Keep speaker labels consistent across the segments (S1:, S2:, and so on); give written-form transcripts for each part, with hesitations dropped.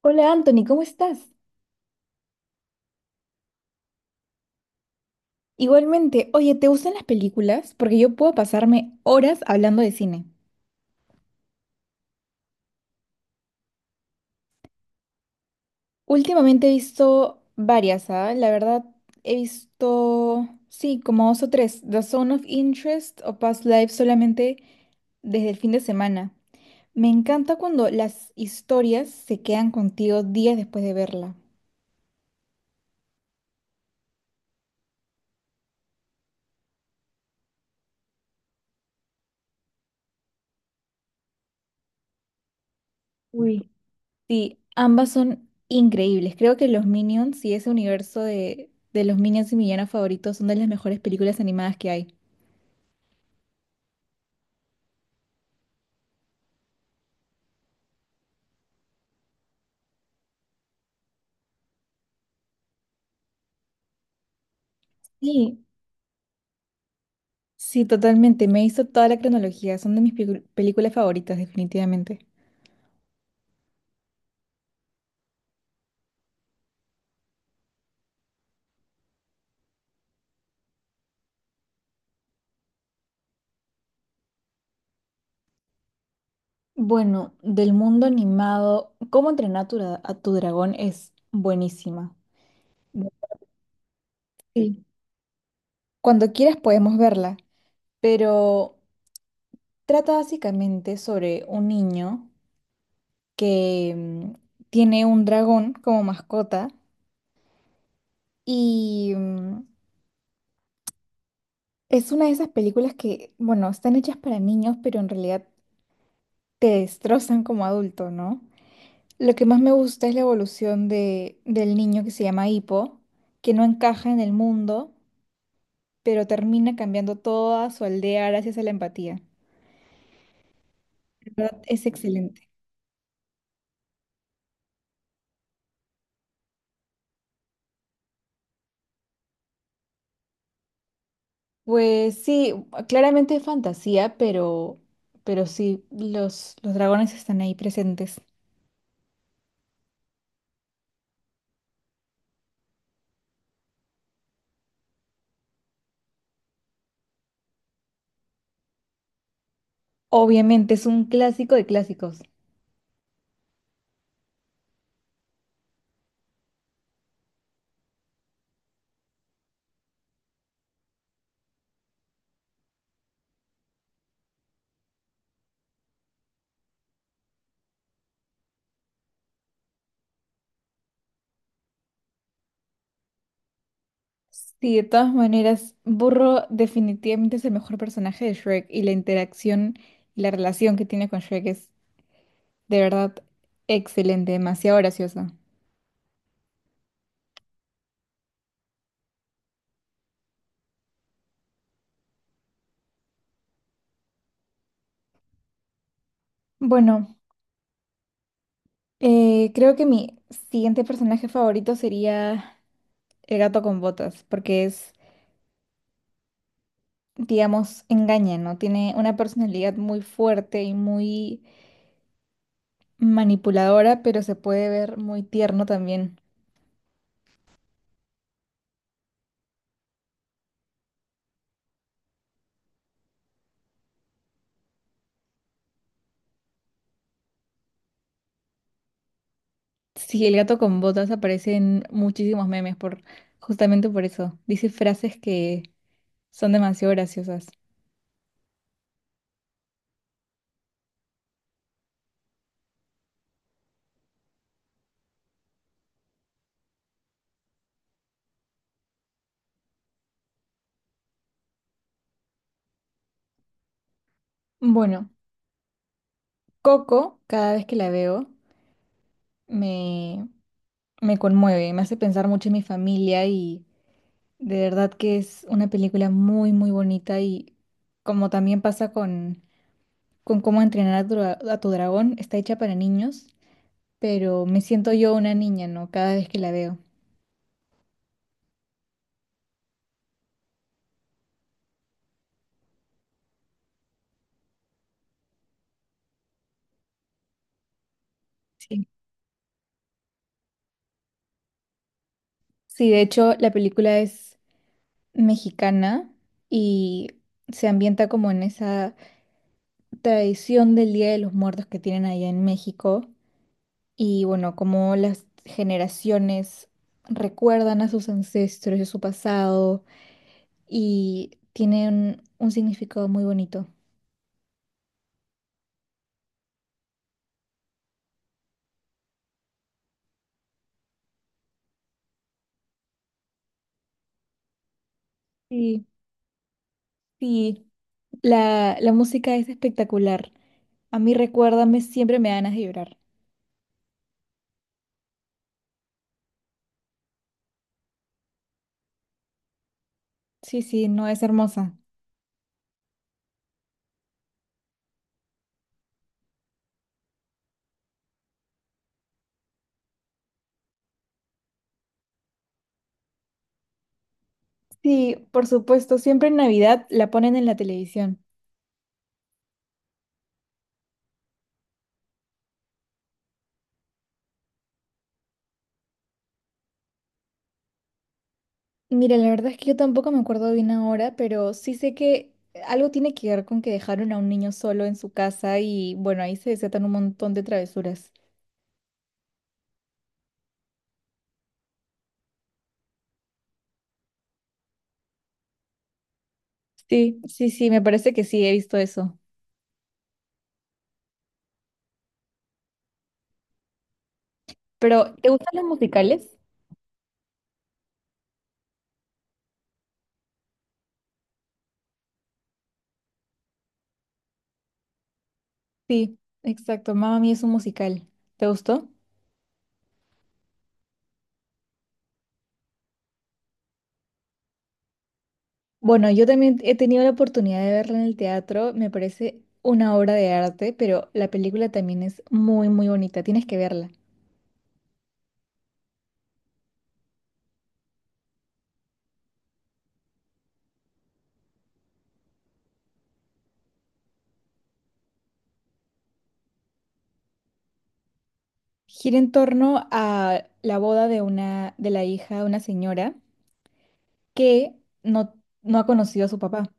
S1: Hola Anthony, ¿cómo estás? Igualmente, oye, ¿te gustan las películas? Porque yo puedo pasarme horas hablando de cine. Últimamente he visto varias, ¿ah? La verdad, he visto, sí, como dos o tres, The Zone of Interest o Past Lives solamente desde el fin de semana. Me encanta cuando las historias se quedan contigo días después de verla. Sí, ambas son increíbles. Creo que los Minions y ese universo de los Minions y mi villano favorito son de las mejores películas animadas que hay. Sí, sí, totalmente. Me hizo toda la cronología. Son de mis películas favoritas, definitivamente. Bueno, del mundo animado, ¿cómo entrenar a tu a tu dragón? Es buenísima. Bu- Sí. Cuando quieras podemos verla, pero trata básicamente sobre un niño que tiene un dragón como mascota. Y es una de esas películas que, bueno, están hechas para niños, pero en realidad te destrozan como adulto, ¿no? Lo que más me gusta es la evolución del niño que se llama Hippo, que no encaja en el mundo, pero termina cambiando toda su aldea gracias a la empatía. De verdad, es excelente. Pues sí, claramente es fantasía, pero sí, los dragones están ahí presentes. Obviamente es un clásico de clásicos. Sí, de todas maneras, Burro definitivamente es el mejor personaje de Shrek y la interacción y la relación que tiene con Shrek es de verdad excelente, demasiado graciosa. Bueno, creo que mi siguiente personaje favorito sería el gato con botas, porque es, digamos, engaña, ¿no? Tiene una personalidad muy fuerte y muy manipuladora, pero se puede ver muy tierno también. Sí, el gato con botas aparece en muchísimos memes por justamente por eso. Dice frases que son demasiado graciosas. Bueno, Coco, cada vez que la veo, me, me conmueve, me hace pensar mucho en mi familia y de verdad que es una película muy, muy bonita y como también pasa con cómo entrenar a tu a tu dragón, está hecha para niños, pero me siento yo una niña, ¿no? Cada vez que la veo. Sí. Sí, de hecho, la película es mexicana y se ambienta como en esa tradición del Día de los Muertos que tienen allá en México y bueno, como las generaciones recuerdan a sus ancestros y a su pasado y tienen un significado muy bonito. Sí, sí. La música es espectacular. A mí recuérdame, siempre me dan ganas de llorar. Sí, sí, no es hermosa. Sí, por supuesto, siempre en Navidad la ponen en la televisión. Mira, la verdad es que yo tampoco me acuerdo bien ahora, pero sí sé que algo tiene que ver con que dejaron a un niño solo en su casa y bueno, ahí se desatan un montón de travesuras. Sí, sí, sí, me parece que sí, he visto eso. Pero ¿te gustan los musicales? Sí, exacto, Mamma Mía es un musical. ¿Te gustó? Bueno, yo también he tenido la oportunidad de verla en el teatro, me parece una obra de arte, pero la película también es muy, muy bonita, tienes que verla. Gira en torno a la boda de una, de la hija de una señora que no, no ha conocido a su papá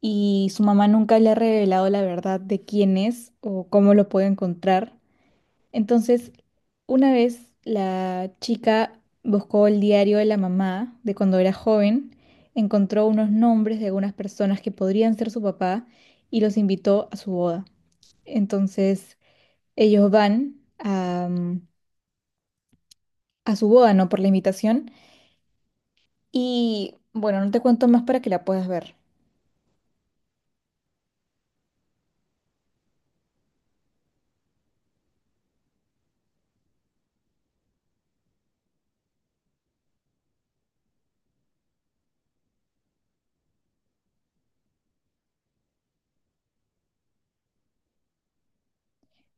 S1: y su mamá nunca le ha revelado la verdad de quién es o cómo lo puede encontrar. Entonces, una vez la chica buscó el diario de la mamá de cuando era joven, encontró unos nombres de algunas personas que podrían ser su papá y los invitó a su boda. Entonces, ellos van a a su boda, no por la invitación. Y bueno, no te cuento más para que la puedas ver.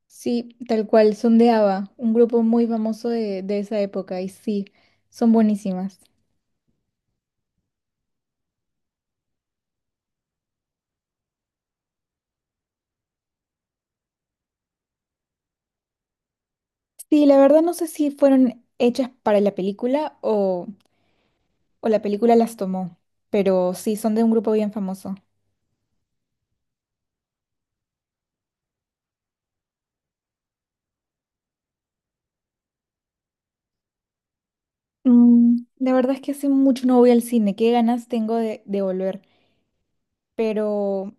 S1: Sí, tal cual, son de ABBA, un grupo muy famoso de esa época, y sí, son buenísimas. Sí, la verdad no sé si fueron hechas para la película o la película las tomó, pero sí, son de un grupo bien famoso. Mm, la verdad es que hace mucho no voy al cine, qué ganas tengo de volver, pero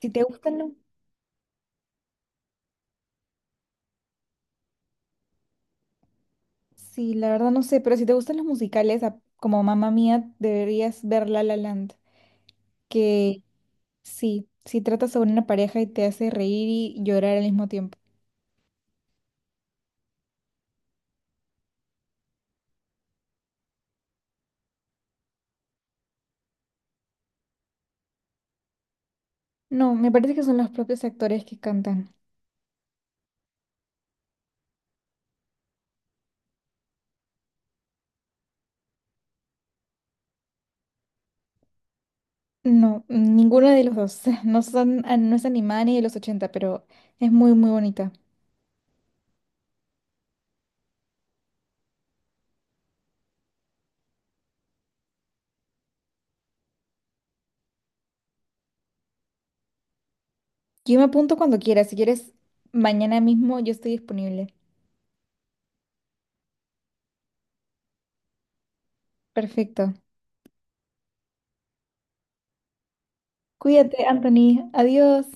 S1: si te gustan... Sí, la verdad no sé, pero si te gustan los musicales, como Mamá Mía, deberías ver La La Land, que sí, sí trata sobre una pareja y te hace reír y llorar al mismo tiempo. No, me parece que son los propios actores que cantan. No, ninguno de los dos. No son, ah, no es animada ni de los 80, pero es muy, muy bonita. Yo me apunto cuando quieras. Si quieres, mañana mismo yo estoy disponible. Perfecto. Cuídate, Anthony. Adiós.